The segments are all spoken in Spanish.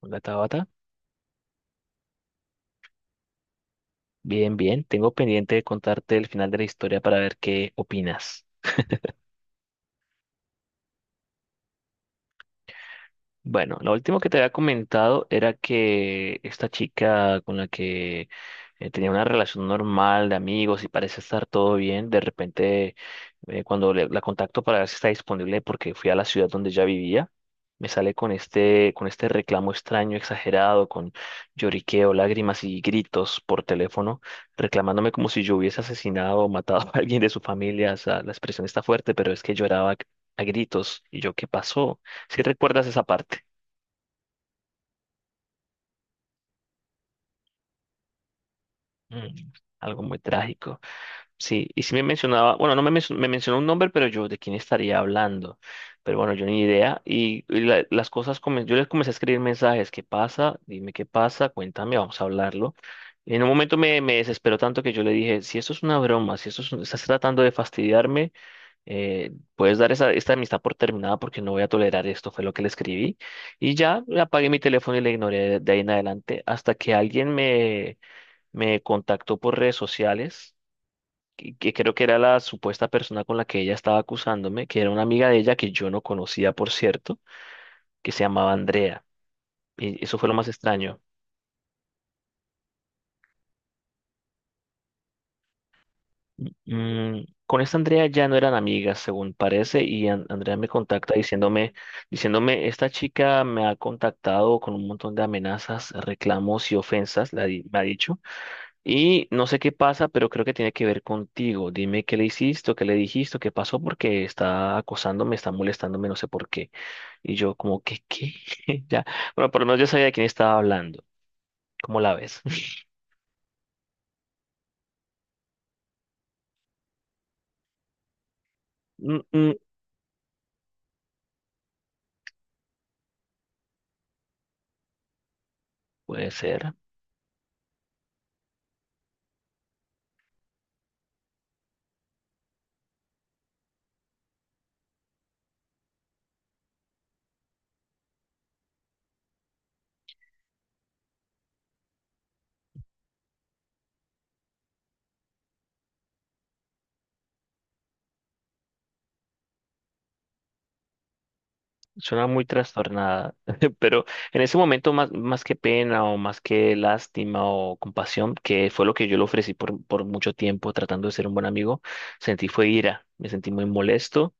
Hola Tabata, bien, bien. Tengo pendiente de contarte el final de la historia para ver qué opinas. Bueno, lo último que te había comentado era que esta chica con la que tenía una relación normal de amigos y parece estar todo bien, de repente cuando la contacto para ver si está disponible porque fui a la ciudad donde ya vivía, me sale con este reclamo extraño, exagerado, con lloriqueo, lágrimas y gritos por teléfono, reclamándome como si yo hubiese asesinado o matado a alguien de su familia. O sea, la expresión está fuerte, pero es que lloraba a gritos. ¿Y yo qué pasó? Si recuerdas esa parte. Mm, Algo muy trágico. Sí, y sí me mencionaba, bueno, no me, menc- me mencionó un nombre, pero yo de quién estaría hablando. Pero bueno, yo ni idea. Las cosas, yo les comencé a escribir mensajes. ¿Qué pasa? Dime qué pasa, cuéntame, vamos a hablarlo. Y en un momento me desesperó tanto que yo le dije, si esto es una broma, si esto es estás tratando de fastidiarme, puedes dar esta amistad por terminada porque no voy a tolerar esto, fue lo que le escribí. Y ya apagué mi teléfono y le ignoré de ahí en adelante hasta que alguien me contactó por redes sociales, que creo que era la supuesta persona con la que ella estaba acusándome, que era una amiga de ella que yo no conocía, por cierto, que se llamaba Andrea. Y eso fue lo más extraño. Con esta Andrea ya no eran amigas, según parece, y Andrea me contacta diciéndome, esta chica me ha contactado con un montón de amenazas, reclamos y ofensas, me ha dicho. Y no sé qué pasa, pero creo que tiene que ver contigo. Dime qué le hiciste, o qué le dijiste, o qué pasó, porque está acosándome, está molestándome, no sé por qué. Y yo como que, ¿qué? Ya. Bueno, por lo menos yo sabía de quién estaba hablando. ¿Cómo la ves? Mm, mm, puede ser. Suena muy trastornada, pero en ese momento más que pena o más que lástima o compasión, que fue lo que yo le ofrecí por mucho tiempo tratando de ser un buen amigo, sentí fue ira, me sentí muy molesto.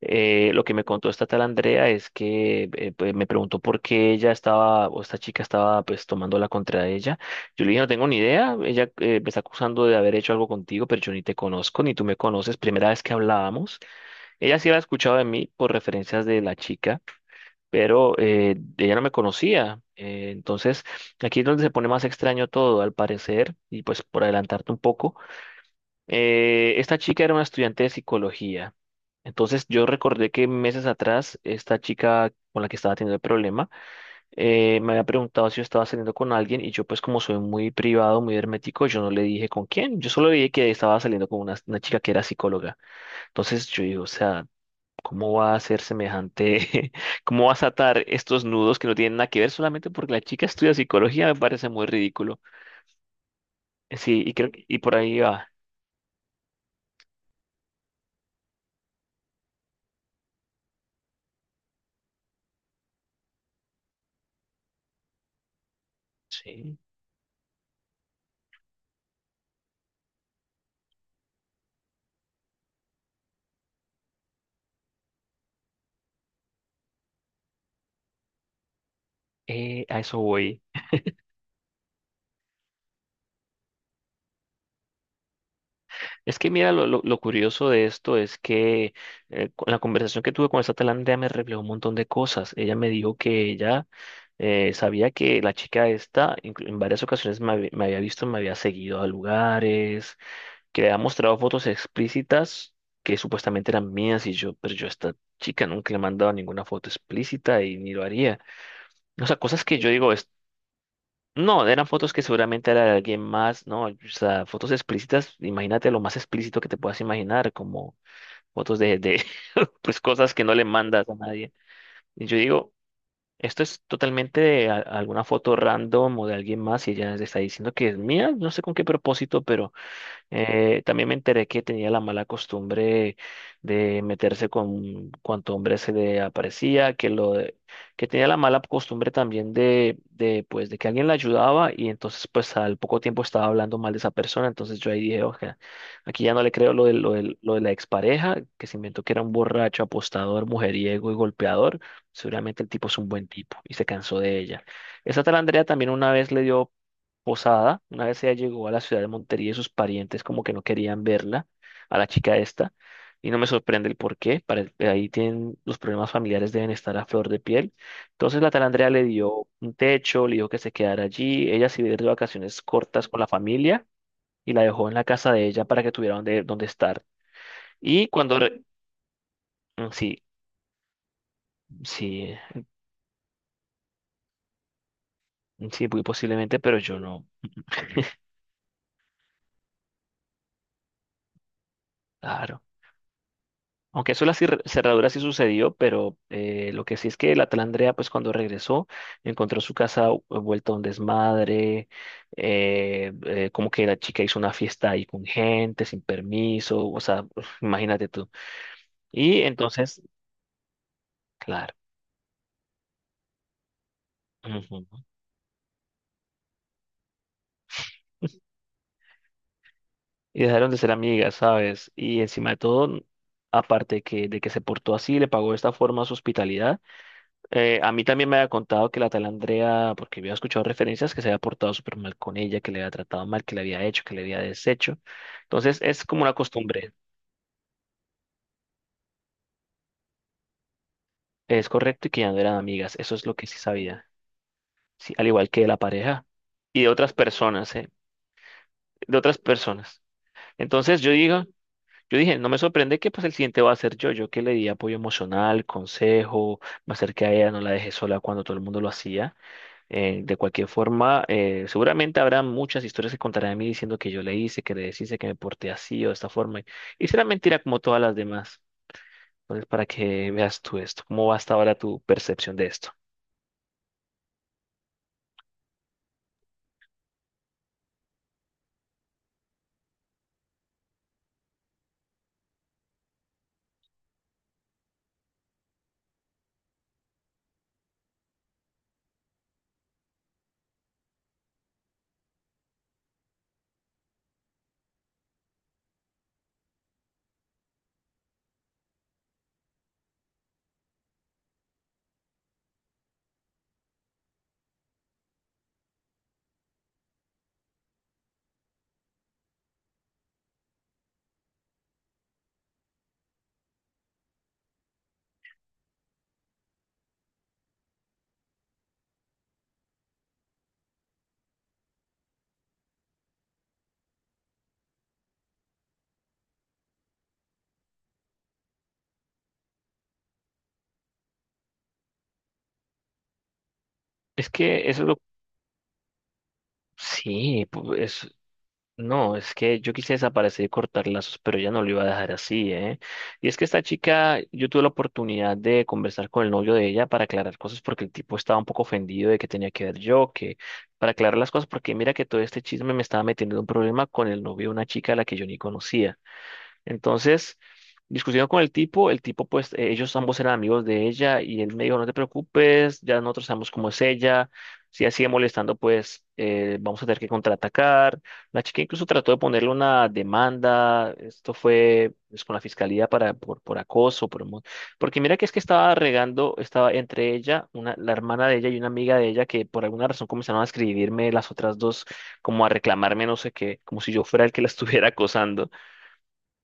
Lo que me contó esta tal Andrea es que pues, me preguntó por qué ella estaba, o esta chica estaba pues tomándola contra ella. Yo le dije, no tengo ni idea, ella me está acusando de haber hecho algo contigo, pero yo ni te conozco, ni tú me conoces, primera vez que hablábamos. Ella sí había escuchado de mí por referencias de la chica, pero ella no me conocía. Entonces, aquí es donde se pone más extraño todo, al parecer, y pues por adelantarte un poco. Esta chica era una estudiante de psicología. Entonces yo recordé que meses atrás esta chica con la que estaba teniendo el problema me había preguntado si yo estaba saliendo con alguien y yo pues como soy muy privado, muy hermético, yo no le dije con quién, yo solo le dije que estaba saliendo con una chica que era psicóloga. Entonces yo digo, o sea, ¿cómo va a ser semejante? ¿Cómo vas a atar estos nudos que no tienen nada que ver solamente porque la chica estudia psicología? Me parece muy ridículo. Sí, y creo que y por ahí va. Sí, a eso voy. Es que mira, lo curioso de esto es que con la conversación que tuve con esta tailandesa me reveló un montón de cosas. Ella me dijo que ella sabía que la chica esta en varias ocasiones me había visto, me había seguido a lugares, que le había mostrado fotos explícitas que supuestamente eran mías y yo, pero yo a esta chica nunca le he mandado ninguna foto explícita y ni lo haría. O sea, cosas que yo digo, es, no, eran fotos que seguramente era de alguien más, ¿no? O sea, fotos explícitas, imagínate lo más explícito que te puedas imaginar, como fotos de pues cosas que no le mandas a nadie. Y yo digo, esto es totalmente de alguna foto random o de alguien más y ella le está diciendo que es mía, no sé con qué propósito, pero también me enteré que tenía la mala costumbre de meterse con cuanto hombre se le aparecía, que tenía la mala costumbre también de pues de que alguien la ayudaba y entonces pues al poco tiempo estaba hablando mal de esa persona, entonces yo ahí dije, oye, aquí ya no le creo lo de la expareja, que se inventó que era un borracho, apostador, mujeriego y golpeador, seguramente el tipo es un buen tipo y se cansó de ella. Esa tal Andrea también una vez le dio posada. Una vez ella llegó a la ciudad de Montería y sus parientes como que no querían verla, a la chica esta, y no me sorprende el por qué, ahí tienen los problemas familiares deben estar a flor de piel. Entonces la tal Andrea le dio un techo, le dijo que se quedara allí, ella se iba a ir de vacaciones cortas con la familia y la dejó en la casa de ella para que tuviera donde, donde estar. Y Mm, sí, sí, mm, sí, muy posiblemente, pero yo no. Claro. Aunque eso de las cerraduras sí sucedió, pero lo que sí es que la tal Andrea, pues cuando regresó, encontró su casa vuelta a un desmadre, como que la chica hizo una fiesta ahí con gente, sin permiso, o sea, imagínate tú. Y entonces, claro, ujú, y dejaron de ser amigas, ¿sabes? Y encima de todo, aparte de que se portó así, le pagó de esta forma su hospitalidad. A mí también me había contado que la tal Andrea, porque había escuchado referencias, que se había portado súper mal con ella, que le había tratado mal, que le había hecho, que le había deshecho. Entonces es como una costumbre, es correcto y que ya no eran amigas, eso es lo que sí sabía, sí, al igual que de la pareja y de otras personas, ¿eh? De otras personas. Entonces yo digo, yo dije, no me sorprende que pues el siguiente va a ser yo, yo que le di apoyo emocional, consejo, me acerqué a ella, no la dejé sola cuando todo el mundo lo hacía. De cualquier forma, seguramente habrá muchas historias que contarán de mí diciendo que yo le hice, que le deshice, que me porté así o de esta forma. Y será mentira como todas las demás. Entonces, para que veas tú esto, cómo va hasta ahora tu percepción de esto. Es que eso es lo... Sí, no, es que yo quise desaparecer y cortar lazos, pero ella no lo iba a dejar así, ¿eh? Y es que esta chica, yo tuve la oportunidad de conversar con el novio de ella para aclarar cosas porque el tipo estaba un poco ofendido de que tenía que ver yo, que para aclarar las cosas, porque mira que todo este chisme me estaba metiendo en un problema con el novio de una chica a la que yo ni conocía. Entonces, discutieron con el tipo pues ellos ambos eran amigos de ella y él me dijo, no te preocupes, ya nosotros sabemos cómo es ella, si ella sigue molestando pues vamos a tener que contraatacar. La chica incluso trató de ponerle una demanda, esto fue pues, con la fiscalía por acoso, porque mira que es que estaba regando, estaba entre ella, una, la hermana de ella y una amiga de ella que por alguna razón comenzaron a escribirme las otras dos como a reclamarme no sé qué, como si yo fuera el que la estuviera acosando.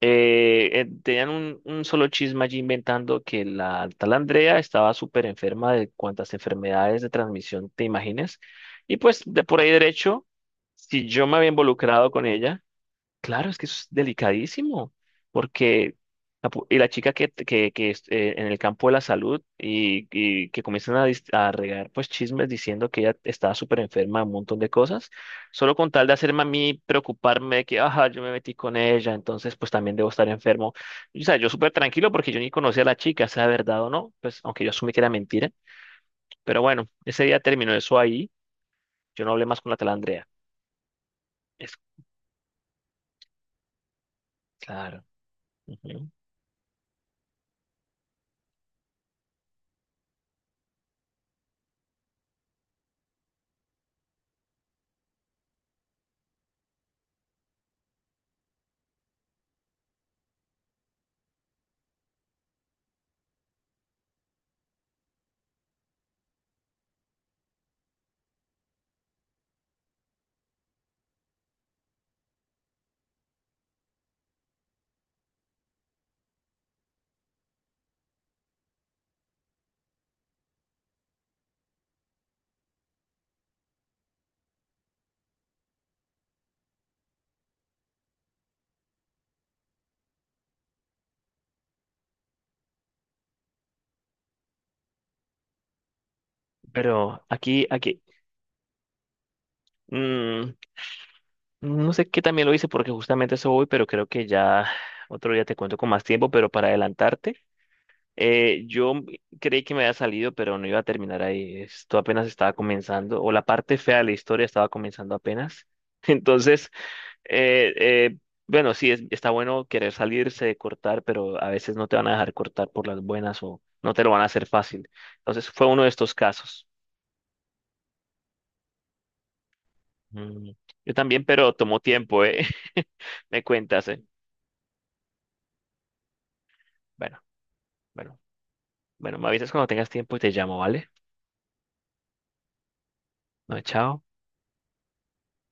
Tenían un solo chisme allí inventando que la tal Andrea estaba súper enferma de cuantas enfermedades de transmisión te imagines. Y pues de por ahí derecho, si yo me había involucrado con ella. Claro, es que eso es delicadísimo, porque la, pu- y la chica que es, en el campo de la salud que comienzan a, a regar pues chismes diciendo que ella estaba súper enferma, un montón de cosas, solo con tal de hacerme a mí preocuparme de que, ajá, yo me metí con ella, entonces pues también debo estar enfermo. Y, o sea, yo súper tranquilo porque yo ni conocía a la chica, sea verdad o no, pues aunque yo asumí que era mentira, pero bueno, ese día terminó eso ahí, yo no hablé más con la tal Andrea. Es claro. Ujú. Pero mm, no sé qué también lo hice porque justamente eso voy, pero creo que ya otro día te cuento con más tiempo, pero para adelantarte, yo creí que me había salido, pero no iba a terminar ahí. Esto apenas estaba comenzando, o la parte fea de la historia estaba comenzando apenas. Entonces, eh, eh, bueno, sí, está bueno querer salirse, cortar, pero a veces no te van a dejar cortar por las buenas o no te lo van a hacer fácil. Entonces, fue uno de estos casos. Mm, yo también, pero tomó tiempo, ¿eh? Me cuentas, ¿eh? Bueno. Bueno, bueno, me avisas cuando tengas tiempo y te llamo, ¿vale? No, chao.